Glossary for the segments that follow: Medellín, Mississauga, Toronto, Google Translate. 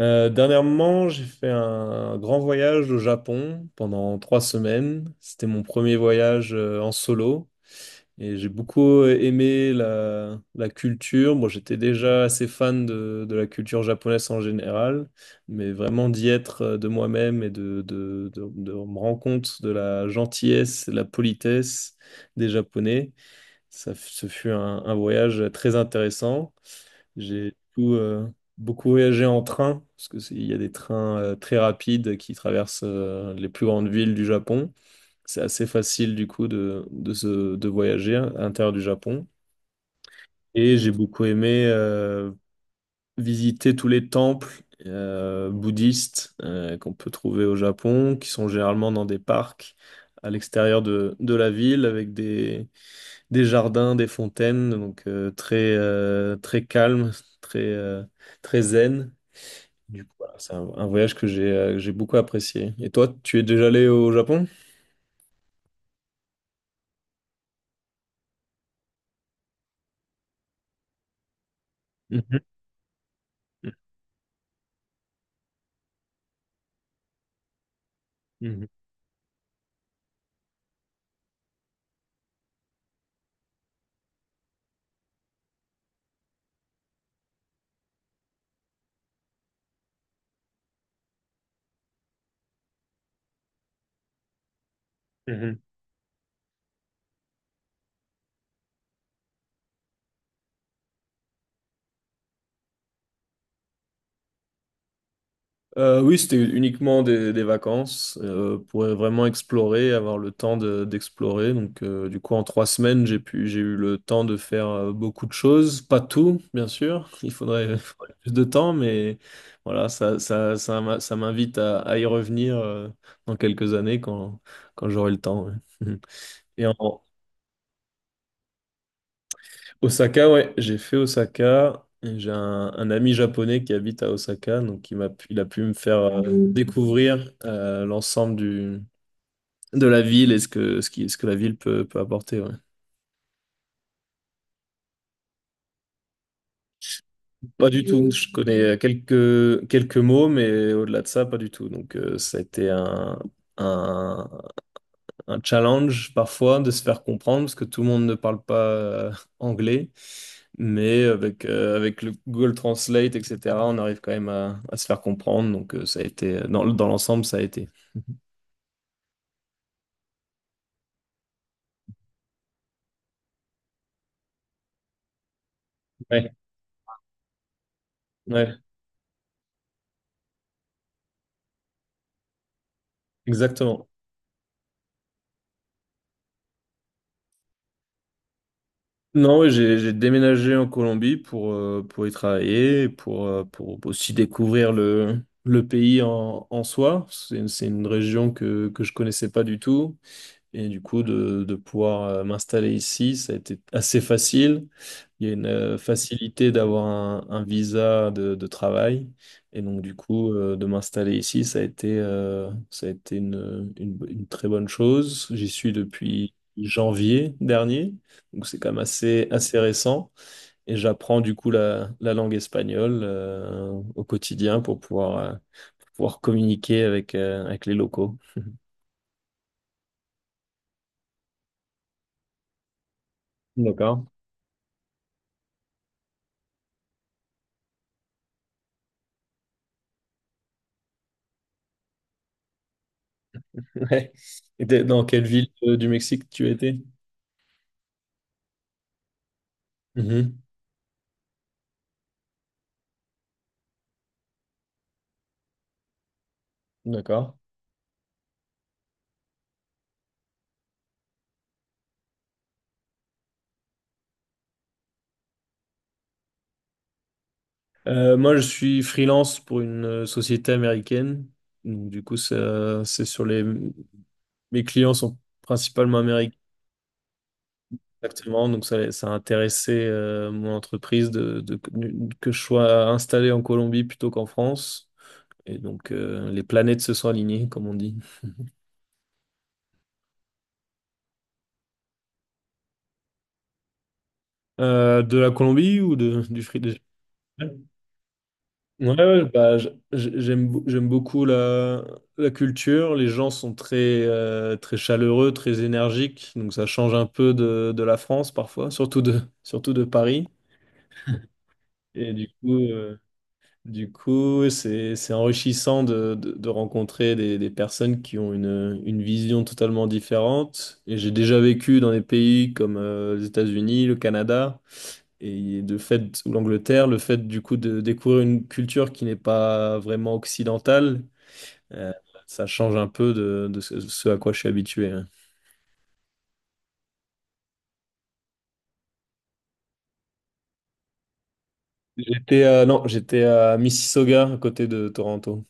Dernièrement, j'ai fait un grand voyage au Japon pendant 3 semaines. C'était mon premier voyage en solo et j'ai beaucoup aimé la culture. Bon, j'étais déjà assez fan de la culture japonaise en général, mais vraiment d'y être de moi-même et de me rendre compte de la gentillesse, de la politesse des Japonais. Ce fut un voyage très intéressant. J'ai du coup, beaucoup voyagé en train, parce que il y a des trains très rapides qui traversent les plus grandes villes du Japon. C'est assez facile du coup de voyager à l'intérieur du Japon. Et j'ai beaucoup aimé visiter tous les temples bouddhistes qu'on peut trouver au Japon, qui sont généralement dans des parcs à l'extérieur de la ville, avec des jardins, des fontaines, donc très, très calme, très, euh, très zen. Du coup, voilà, c'est un voyage que j'ai beaucoup apprécié. Et toi, tu es déjà allé au Japon? Mhm, mhm, mhm. Oui, c'était uniquement des vacances pour vraiment explorer, avoir le temps d'explorer. Donc, du coup, en 3 semaines, j'ai eu le temps de faire beaucoup de choses. Pas tout, bien sûr. Il faudrait, il faudrait plus de temps, mais voilà, ça m'invite à y revenir dans quelques années quand j'aurai le temps. Ouais. Et en, Osaka, ouais, j'ai fait Osaka. Et j'ai un ami japonais qui habite à Osaka, donc il il a pu me faire découvrir l'ensemble de la ville et ce que la ville peut apporter. Ouais. Pas du tout. Je connais quelques mots, mais au-delà de ça, pas du tout. Donc ça a été un, un challenge parfois de se faire comprendre parce que tout le monde ne parle pas anglais. Mais avec, avec le Google Translate, etc., on arrive quand même à se faire comprendre. Donc, ça a été, dans, dans l'ensemble, ça a été. Ouais, ouais, exactement. Non, ouais, j'ai déménagé en Colombie pour y travailler, pour aussi découvrir le pays en, en soi. C'est une région que je connaissais pas du tout. Et du coup, de pouvoir m'installer ici, ça a été assez facile. Il y a une facilité d'avoir un visa de travail. Et donc, du coup, de m'installer ici, ça a été une très bonne chose. J'y suis depuis janvier dernier. Donc, c'est quand même assez récent. Et j'apprends du coup la langue espagnole au quotidien pour pouvoir communiquer avec, avec les locaux. D'accord. Ouais. Dans quelle ville du Mexique tu étais? Mhm. D'accord. Moi, je suis freelance pour une société américaine. Donc, du coup, c'est sur les… Mes clients sont principalement américains, exactement. Donc, ça a intéressé mon entreprise que je sois installé en Colombie plutôt qu'en France. Et donc, les planètes se sont alignées, comme on dit. De la Colombie ou de, du free? Ouais, ouais, bah, j'aime beaucoup la culture. Les gens sont très, très chaleureux, très énergiques. Donc ça change un peu de la France parfois, surtout surtout de Paris. Et du coup, ouais, c'est enrichissant de rencontrer des personnes qui ont une vision totalement différente. Et j'ai déjà vécu dans des pays comme les États-Unis, le Canada. Et de fait, ou l'Angleterre, le fait du coup de découvrir une culture qui n'est pas vraiment occidentale, euh, ça change un peu de ce, ce à quoi je suis habitué. Hein. Non, j'étais à Mississauga, à côté de Toronto.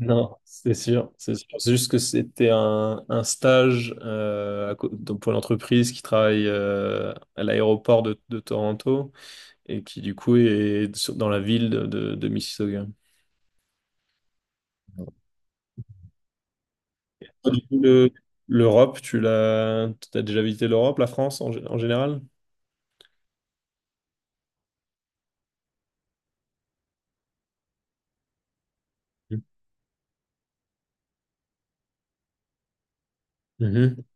Non, c'est sûr, c'est sûr. C'est juste que c'était un stage donc pour l'entreprise qui travaille à l'aéroport de Toronto et qui du coup dans la ville de Mississauga. Du coup, l'Europe, t'as déjà visité l'Europe, la France en général? Mhm,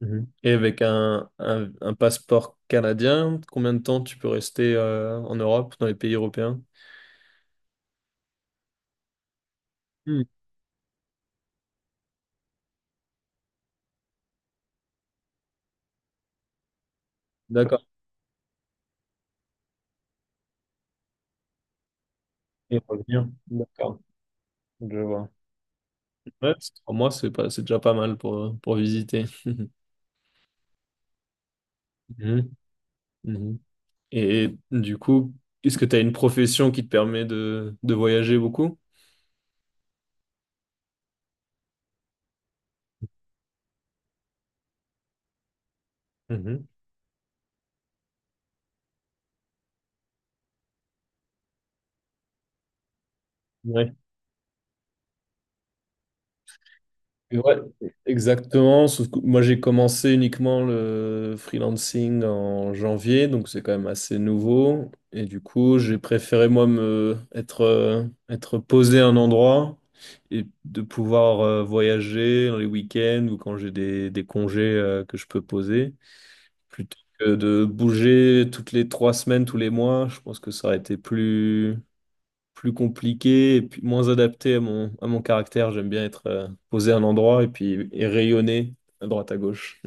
mhm. Et avec un passeport canadien, combien de temps tu peux rester en Europe, dans les pays européens? Hmm, d'accord. Et revenir. D'accord, je vois. Ouais, c'est 3 mois, c'est pas, c'est déjà pas mal pour visiter. Mhm, mhm. Et du coup, est-ce que tu as une profession qui te permet de voyager beaucoup? Mhm. Ouais. Ouais, exactement. Sauf que moi, j'ai commencé uniquement le freelancing en janvier, donc c'est quand même assez nouveau. Et du coup, j'ai préféré, moi, être posé à un endroit et de pouvoir voyager dans les week-ends ou quand j'ai des congés que je peux poser, plutôt que de bouger toutes les 3 semaines, tous les mois. Je pense que ça aurait été plus compliqué et puis moins adapté à à mon caractère. J'aime bien être posé à un endroit et puis et rayonner à droite à gauche.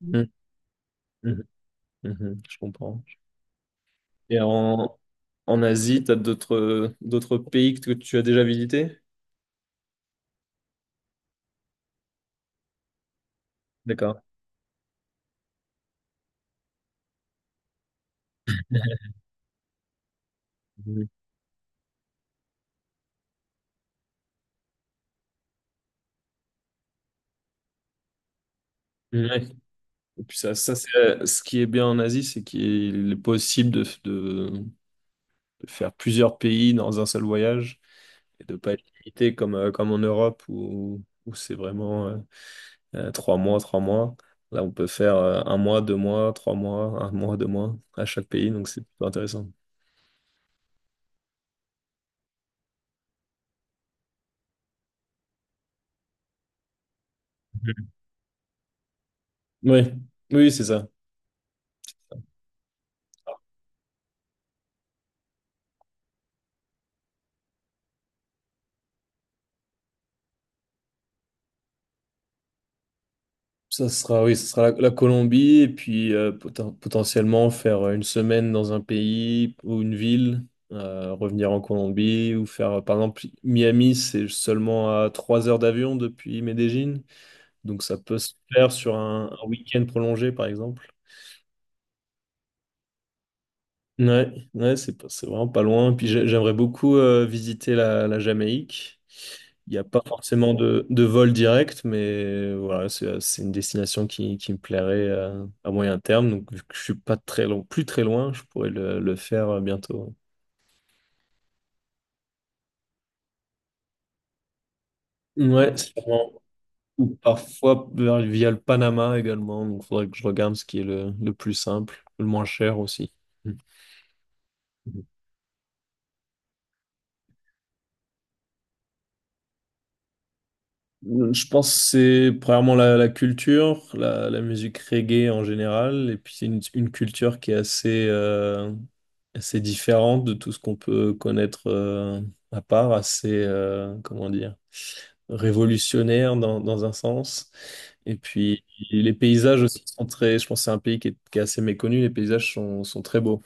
Mhm, mhm, mhm, je comprends. Et en, En Asie, tu as d'autres pays que tu as déjà visités? D'accord. Mhm. Ouais. Et puis ça c'est ce qui est bien en Asie, c'est qu'il est possible de faire plusieurs pays dans un seul voyage et de pas être limité comme, comme en Europe où c'est vraiment 3 mois, 3 mois. Là, on peut faire 1 mois, 2 mois, 3 mois, 1 mois, 2 mois à chaque pays, donc c'est plutôt intéressant. Oui, oui, c'est ça. Ça sera, oui, ça sera la Colombie et puis potentiellement faire une semaine dans un pays ou une ville, revenir en Colombie ou faire, par exemple, Miami, c'est seulement à 3 heures d'avion depuis Medellín, donc ça peut se faire sur un week-end prolongé, par exemple. Ouais, c'est vraiment pas loin. J'aimerais beaucoup visiter la Jamaïque. Il n'y a pas forcément de vol direct, mais voilà, c'est une destination qui me plairait à moyen terme. Donc vu que je suis pas très long, plus très loin, je pourrais le faire bientôt. Ouais, sûrement. Ou parfois via le Panama également. Donc faudrait que je regarde ce qui est le plus simple, le moins cher aussi. Je pense que c'est premièrement la culture, la musique reggae en général, et puis c'est une culture qui est assez, assez différente de tout ce qu'on peut connaître à part, assez, comment dire, révolutionnaire dans un sens. Et puis les paysages aussi sont très, je pense que c'est un pays qui est assez méconnu, les paysages sont, sont très beaux.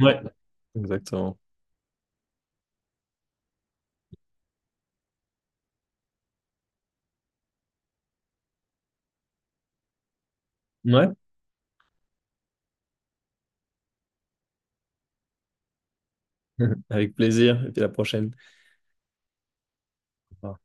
Ouais. Exactement. Ouais, avec plaisir, et puis à la prochaine. Au revoir.